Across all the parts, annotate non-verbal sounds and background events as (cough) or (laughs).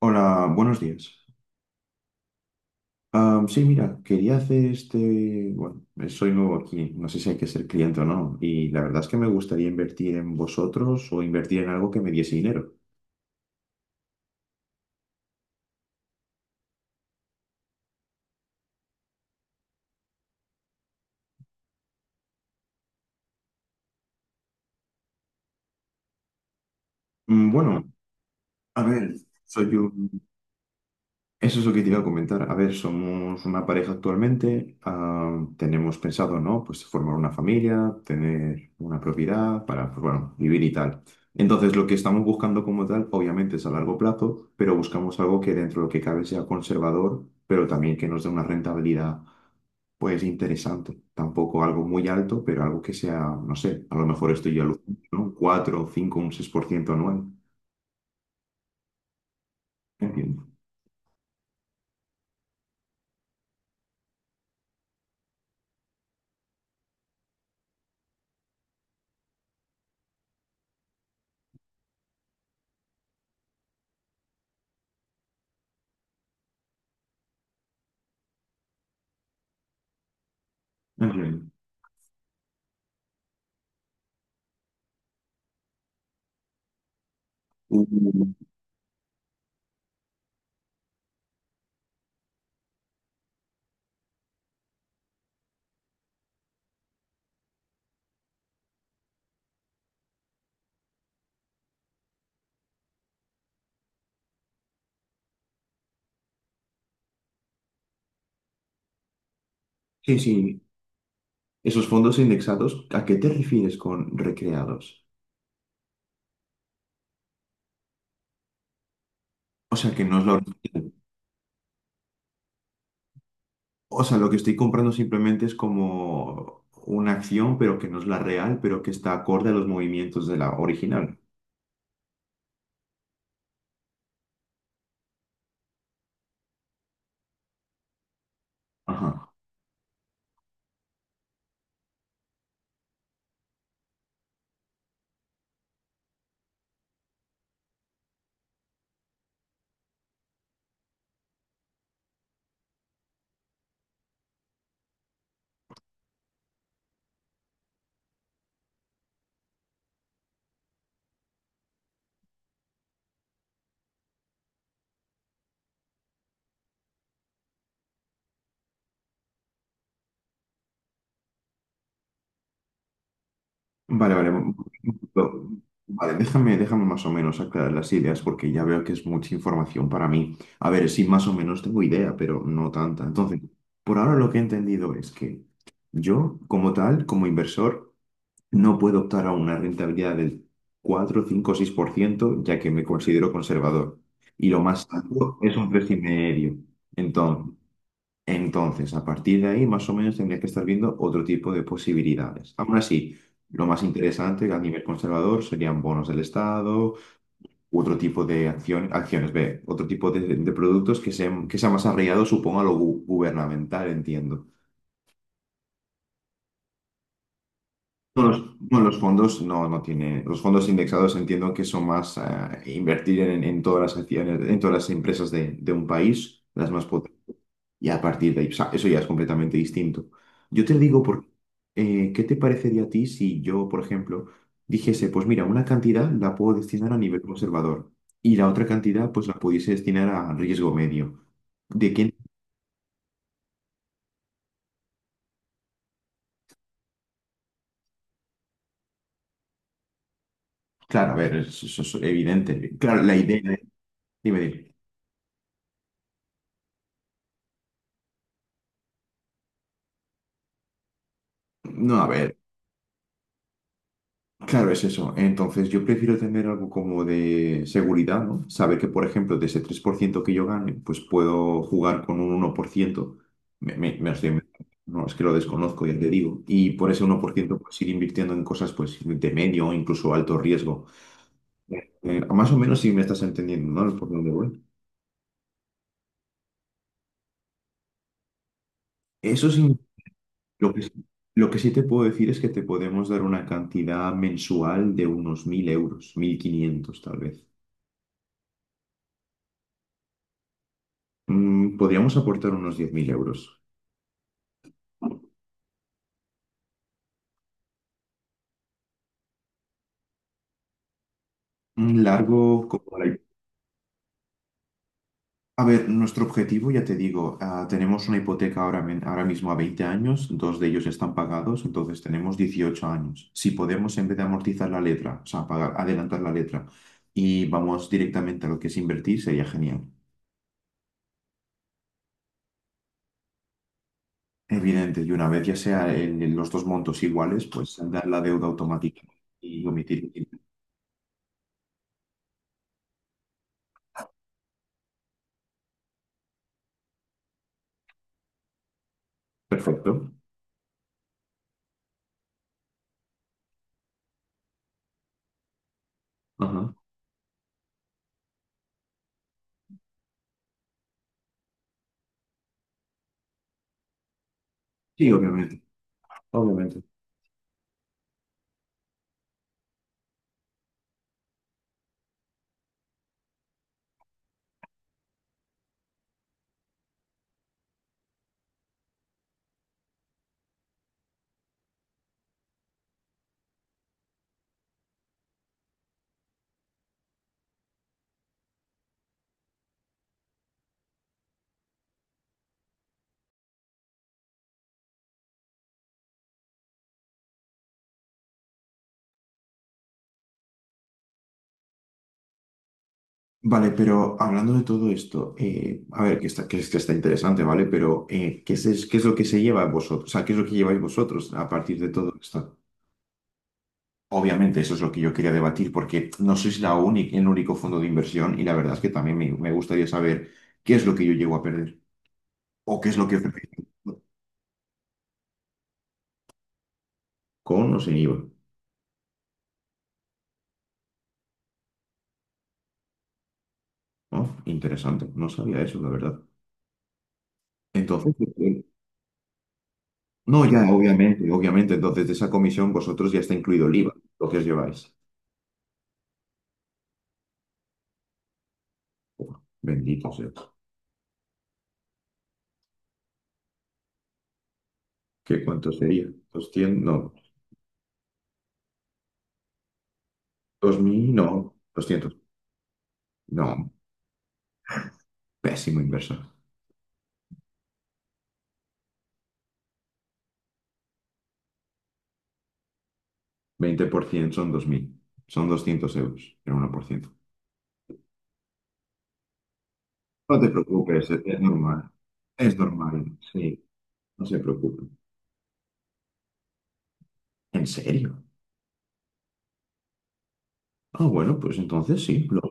Hola, buenos días. Sí, mira, quería hacer este, bueno, soy nuevo aquí, no sé si hay que ser cliente o no, y la verdad es que me gustaría invertir en vosotros o invertir en algo que me diese dinero. Bueno, a ver, soy un, Eso es lo que te iba a comentar. A ver, somos una pareja actualmente, tenemos pensado, ¿no? Pues formar una familia, tener una propiedad para, pues, bueno, vivir y tal. Entonces, lo que estamos buscando como tal, obviamente es a largo plazo, pero buscamos algo que dentro de lo que cabe sea conservador, pero también que nos dé una rentabilidad, pues, interesante. Tampoco algo muy alto, pero algo que sea, no sé, a lo mejor estoy yo alucinando, ¿no? Un 4, 5, un 6% anual. Entiendo. Entiendo. Uh, sí, sí. Esos fondos indexados, ¿a qué te refieres con recreados? O sea, que no es la original. O sea, lo que estoy comprando simplemente es como una acción, pero que no es la real, pero que está acorde a los movimientos de la original. Ajá. Vale, vale. Lo- Vale, déjame, déjame más o menos aclarar las ideas porque ya veo que es mucha información para mí. A ver, sí, más o menos tengo idea, pero no tanta. Entonces, por ahora lo que he entendido es que yo, como tal, como inversor, no puedo optar a una rentabilidad del cuatro, cinco, 6%, ya que me considero conservador. Y lo más alto es un 3,5%. Entonces, entonces, a partir de ahí, más o menos, tendría que estar viendo otro tipo de posibilidades. Aún así, lo más interesante a nivel conservador serían bonos del Estado, u otro tipo de acción acciones, ve, otro tipo de productos que sean más arraigados, supongo, a lo gubernamental, entiendo. No, los fondos no, no tienen. Los fondos indexados entiendo que son más invertir en todas las acciones, en todas las empresas de un país, las más potentes, y a partir de ahí, o sea, eso ya es completamente distinto. Yo te digo, ¿qué te parecería a ti si yo, por ejemplo, dijese, pues mira, una cantidad la puedo destinar a nivel conservador y la otra cantidad, pues la pudiese destinar a riesgo medio? ¿De quién? Claro, a ver, eso es evidente. Claro, la idea. Dime, dime. No, a ver. Claro, es eso. Entonces, yo prefiero tener algo como de seguridad, ¿no? Saber que, por ejemplo, de ese 3% que yo gane, pues puedo jugar con un 1%. Me lo estoy inventando. No, es que lo desconozco, ya te digo. Y por ese 1% pues ir invirtiendo en cosas, pues, de medio o incluso alto riesgo. Más o menos si me estás entendiendo, ¿no? Por dónde voy. Eso sí, lo que, sí, lo que sí te puedo decir es que te podemos dar una cantidad mensual de unos 1.000 euros, 1.500 tal vez. Podríamos aportar unos 10.000 euros. Un largo, como la... hi- A ver, nuestro objetivo, ya te digo, tenemos una hipoteca ahora, ahora mismo a 20 años, dos de ellos están pagados, entonces tenemos 18 años. Si podemos, en vez de amortizar la letra, o sea, pagar, adelantar la letra, y vamos directamente a lo que es invertir, sería genial. Evidente, y una vez ya sea en los dos montos iguales, pues saldar la deuda automática y omitir. Perfecto. Ajá. Sí, obviamente. Obviamente. Vale, pero hablando de todo esto, a ver, que está, que, que está interesante, ¿vale? Pero qué es lo que se lleva vosotros? O sea, ¿qué es lo que lleváis vosotros a partir de todo esto? Obviamente, eso es lo que yo quería debatir, porque no sois la única, el único fondo de inversión y la verdad es que también me gustaría saber qué es lo que yo llego a perder o qué es lo que ofrecéis con o sin IVA. Oh, interesante, no sabía eso, la verdad. Entonces, no, ya, obviamente, obviamente, entonces de esa comisión vosotros ya está incluido el IVA, lo que os lleváis. Uf, bendito sea. ¿Qué cuánto sería? 200 no, 2.000 no, 200. No, pésimo inversor. 20% son 2.000, son 200 euros, el 1%. No te preocupes, es normal. Es normal, sí, no se preocupen. ¿En serio? Ah, bueno, pues entonces sí.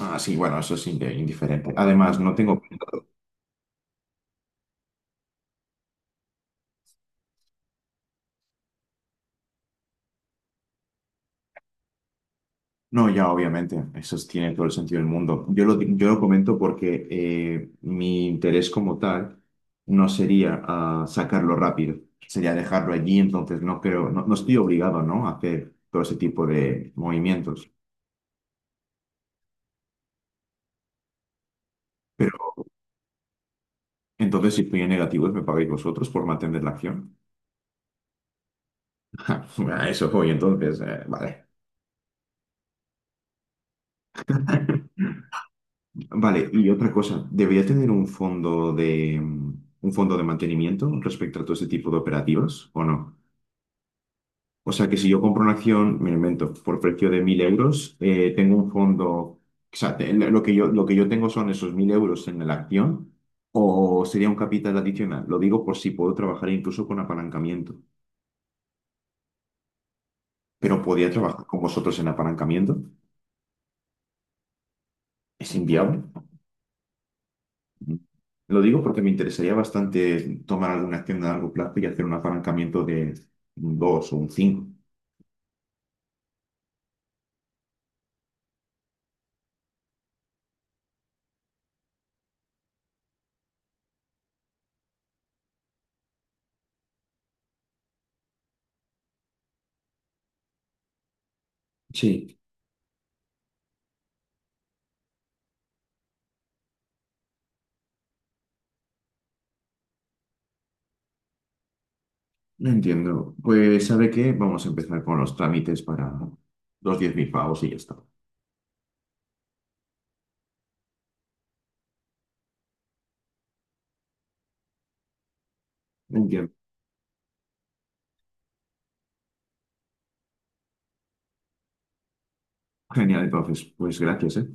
Ah, sí, bueno, eso es indiferente. Además, no tengo. No, ya obviamente, eso tiene todo el sentido del mundo. Yo lo comento porque mi interés como tal no sería sacarlo rápido, sería dejarlo allí, entonces no creo, no, no estoy obligado, ¿no? a hacer todo ese tipo de movimientos. Pero entonces si estoy en negativos, me pagáis vosotros por mantener la acción. (laughs) A eso voy, entonces, vale. Vale, y otra cosa, ¿debería tener un fondo de mantenimiento respecto a todo ese tipo de operativas o no? O sea que si yo compro una acción, me lo invento, por precio de 1.000 euros, tengo un fondo, o sea, lo que yo tengo son esos 1.000 euros en la acción, o sería un capital adicional. Lo digo por si puedo trabajar incluso con apalancamiento, pero podría trabajar con vosotros en apalancamiento. ¿Es inviable? Lo digo porque me interesaría bastante tomar alguna acción a largo plazo y hacer un apalancamiento de un 2 o un 5. Sí. No entiendo. Pues, ¿sabe qué? Vamos a empezar con los trámites para los 10.000 pavos y ya está. Entiendo. Genial, entonces. Pues gracias, ¿eh?